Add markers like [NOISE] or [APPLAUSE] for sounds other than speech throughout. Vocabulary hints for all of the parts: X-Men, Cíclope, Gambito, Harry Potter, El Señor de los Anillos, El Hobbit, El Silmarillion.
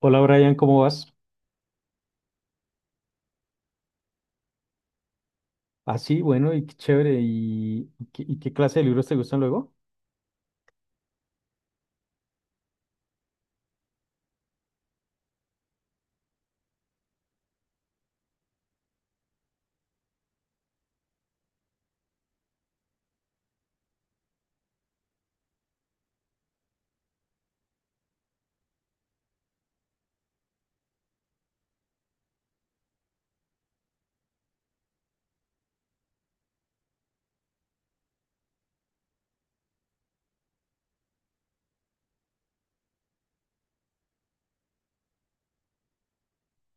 Hola Brian, ¿cómo vas? Ah, sí, bueno, y qué chévere. ¿Y qué clase de libros te gustan luego?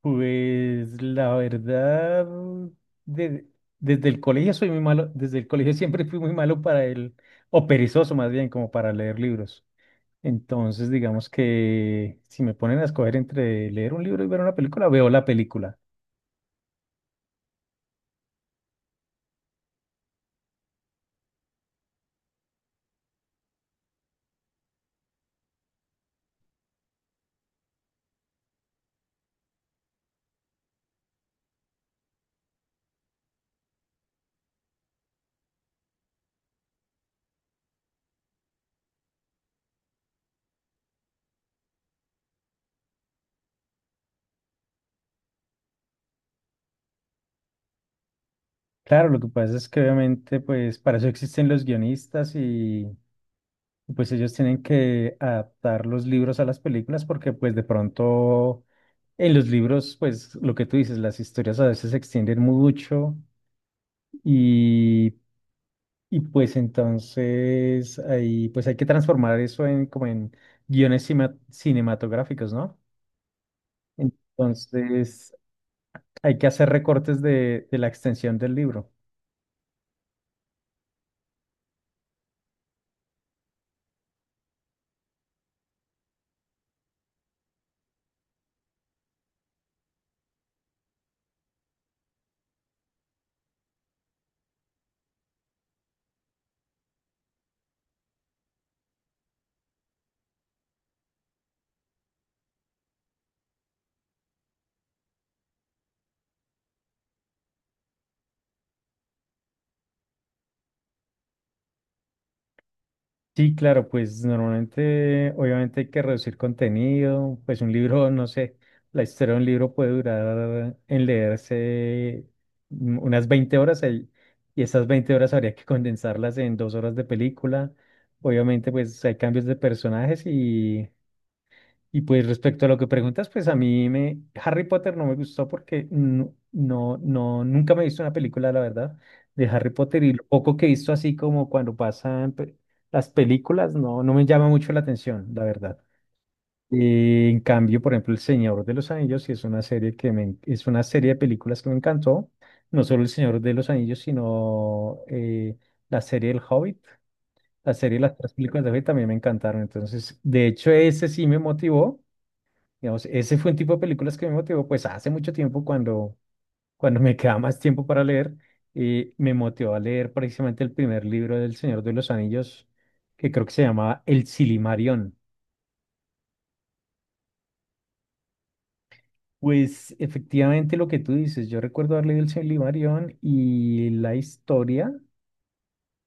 Pues la verdad, de- desde el colegio soy muy malo, desde el colegio [LAUGHS] siempre fui muy malo para el, o perezoso más bien, como para leer libros. Entonces, digamos que si me ponen a escoger entre leer un libro y ver una película, veo la película. Claro, lo que pasa es que obviamente, pues para eso existen los guionistas y pues ellos tienen que adaptar los libros a las películas porque pues de pronto en los libros pues lo que tú dices, las historias a veces se extienden mucho y, y pues entonces ahí pues hay que transformar eso en como en guiones cinematográficos, ¿no? Entonces hay que hacer recortes de la extensión del libro. Sí, claro, pues normalmente, obviamente hay que reducir contenido, pues un libro, [LAUGHS] no sé, la historia de un libro puede durar en leerse unas 20 horas y esas 20 horas habría que condensarlas en 2 horas de película. Obviamente, pues hay cambios de personajes y pues respecto a lo que preguntas, pues a mí me Harry Potter no me gustó porque nunca me he visto una película, la verdad, de Harry Potter y lo poco que he visto así como cuando pasan las películas, no, no me llama mucho la atención, la verdad. En cambio, por ejemplo, El Señor de los Anillos, sí es una serie que es una serie de películas que me encantó, no solo El Señor de los Anillos, sino la serie El Hobbit, la serie de las tres películas de Hobbit también me encantaron. Entonces, de hecho, ese sí me motivó. Digamos, ese fue un tipo de películas que me motivó, pues hace mucho tiempo, cuando me [LAUGHS] quedaba más tiempo para leer, me motivó a leer precisamente el primer libro del Señor de los Anillos, que creo que se llamaba El Silimarión. Pues efectivamente lo que tú dices, yo recuerdo haber leído El Silimarión y la historia.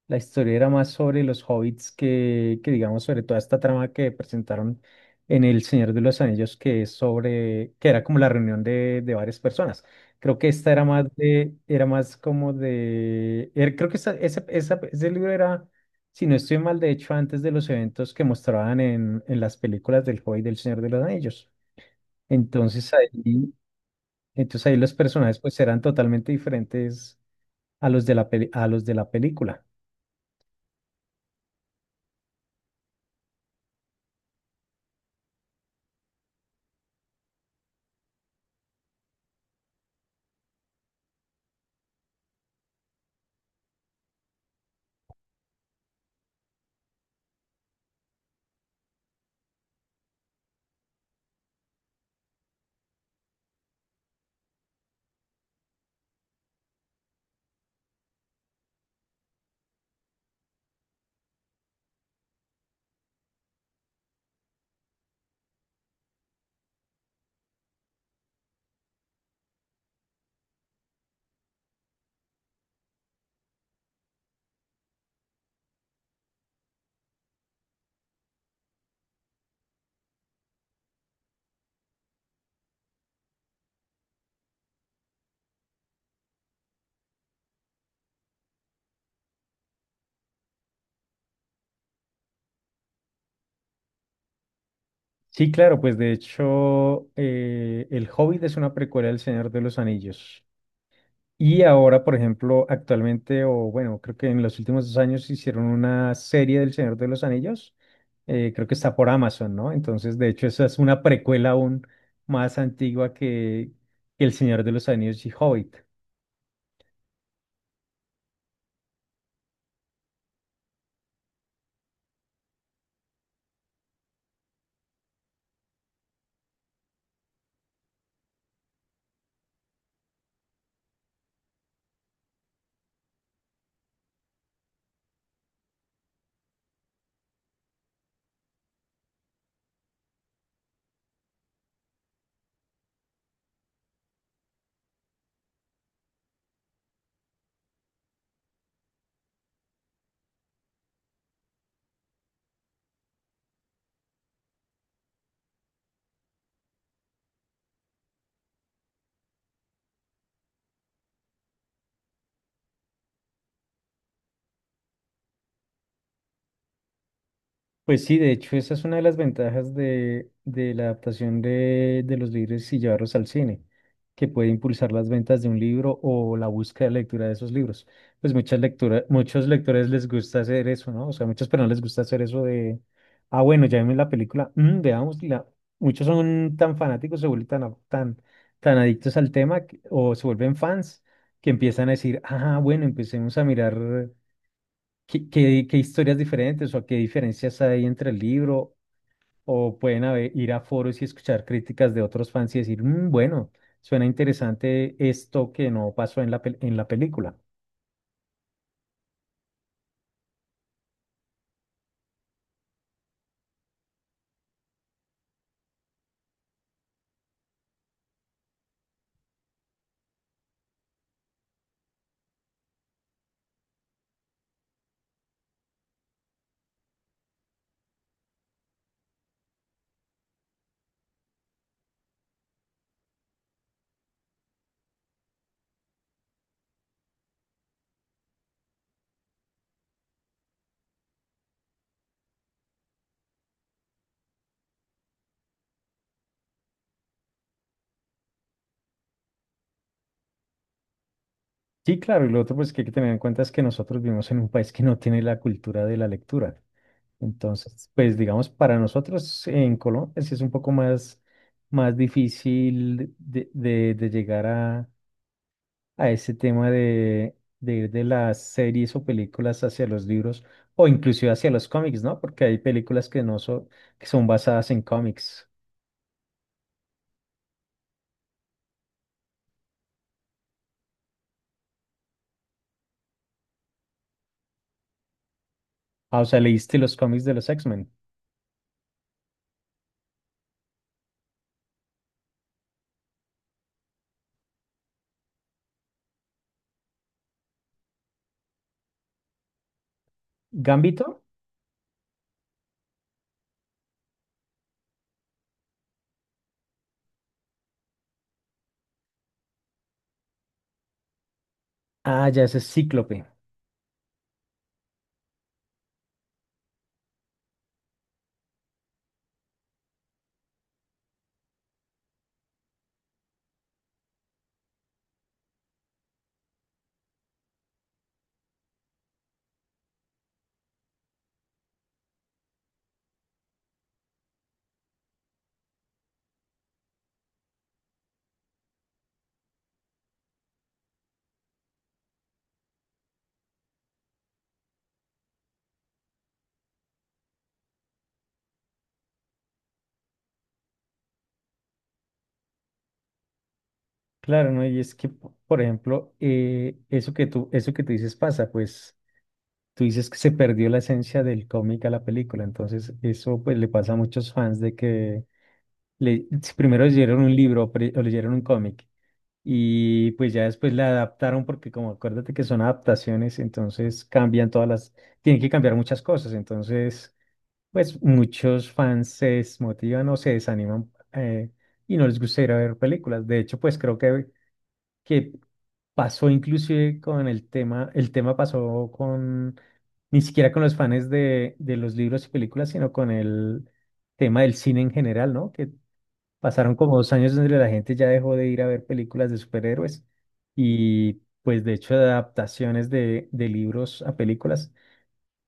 La historia era más sobre los hobbits que, digamos, sobre toda esta trama que presentaron en El Señor de los Anillos, que es sobre, que era como la reunión de varias personas. Creo que esta era más de, era más como de, creo que ese libro era, si no estoy mal, de hecho, antes de los eventos que mostraban en las películas del Hobbit del Señor de los Anillos. Entonces ahí, entonces ahí los personajes pues eran totalmente diferentes a los de la a los de la película. Sí, claro, pues de hecho, El Hobbit es una precuela del Señor de los Anillos. Y ahora, por ejemplo, actualmente, o bueno, creo que en los últimos 2 años hicieron una serie del Señor de los Anillos. Eh, creo que está por Amazon, ¿no? Entonces, de hecho, esa es una precuela aún más antigua que El Señor de los Anillos y Hobbit. Pues sí, de hecho, esa es una de las ventajas de la adaptación de los libros y llevarlos al cine, que puede impulsar las ventas de un libro o la búsqueda de lectura de esos libros. Pues muchas lecturas, muchos lectores les gusta hacer eso, ¿no? O sea, muchas personas les gusta hacer eso de, ah, bueno, ya vimos la película, mm, veamos, la... muchos son tan fanáticos, se vuelven tan adictos al tema o se vuelven fans que empiezan a decir, ah, bueno, empecemos a mirar. Qué historias diferentes o qué diferencias hay entre el libro? O pueden ir a foros y escuchar críticas de otros fans y decir, "Mm, bueno, suena interesante esto que no pasó en la, en la película." Sí, claro, y lo otro pues que hay que tener en cuenta es que nosotros vivimos en un país que no tiene la cultura de la lectura. Entonces, pues digamos, para nosotros en Colombia sí es un poco más, más difícil de llegar a ese tema de ir de las series o películas hacia los libros o inclusive hacia los cómics, ¿no? Porque hay películas que no son, que son basadas en cómics. Ah, o sea, leíste los cómics de los X-Men. ¿Gambito? Ah, ya ese es Cíclope. Claro, ¿no? Y es que, por ejemplo, eso que tú dices pasa, pues tú dices que se perdió la esencia del cómic a la película. Entonces, eso pues le pasa a muchos fans de que le, si primero leyeron un libro o leyeron un cómic y pues ya después la adaptaron porque como acuérdate que son adaptaciones, entonces cambian todas las, tienen que cambiar muchas cosas. Entonces, pues muchos fans se desmotivan o se desaniman y no les gusta ir a ver películas. De hecho, pues creo que pasó inclusive con el tema pasó con, ni siquiera con los fans de los libros y películas, sino con el tema del cine en general, ¿no? Que pasaron como 2 años donde la gente ya dejó de ir a ver películas de superhéroes y pues de hecho de adaptaciones de libros a películas.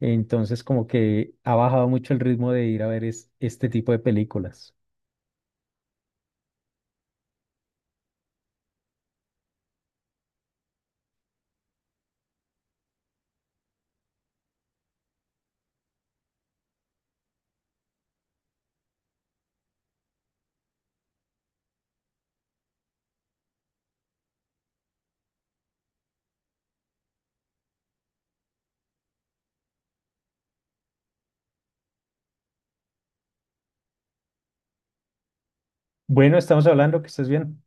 Entonces como que ha bajado mucho el ritmo de ir a ver este tipo de películas. Bueno, estamos hablando, que estés bien.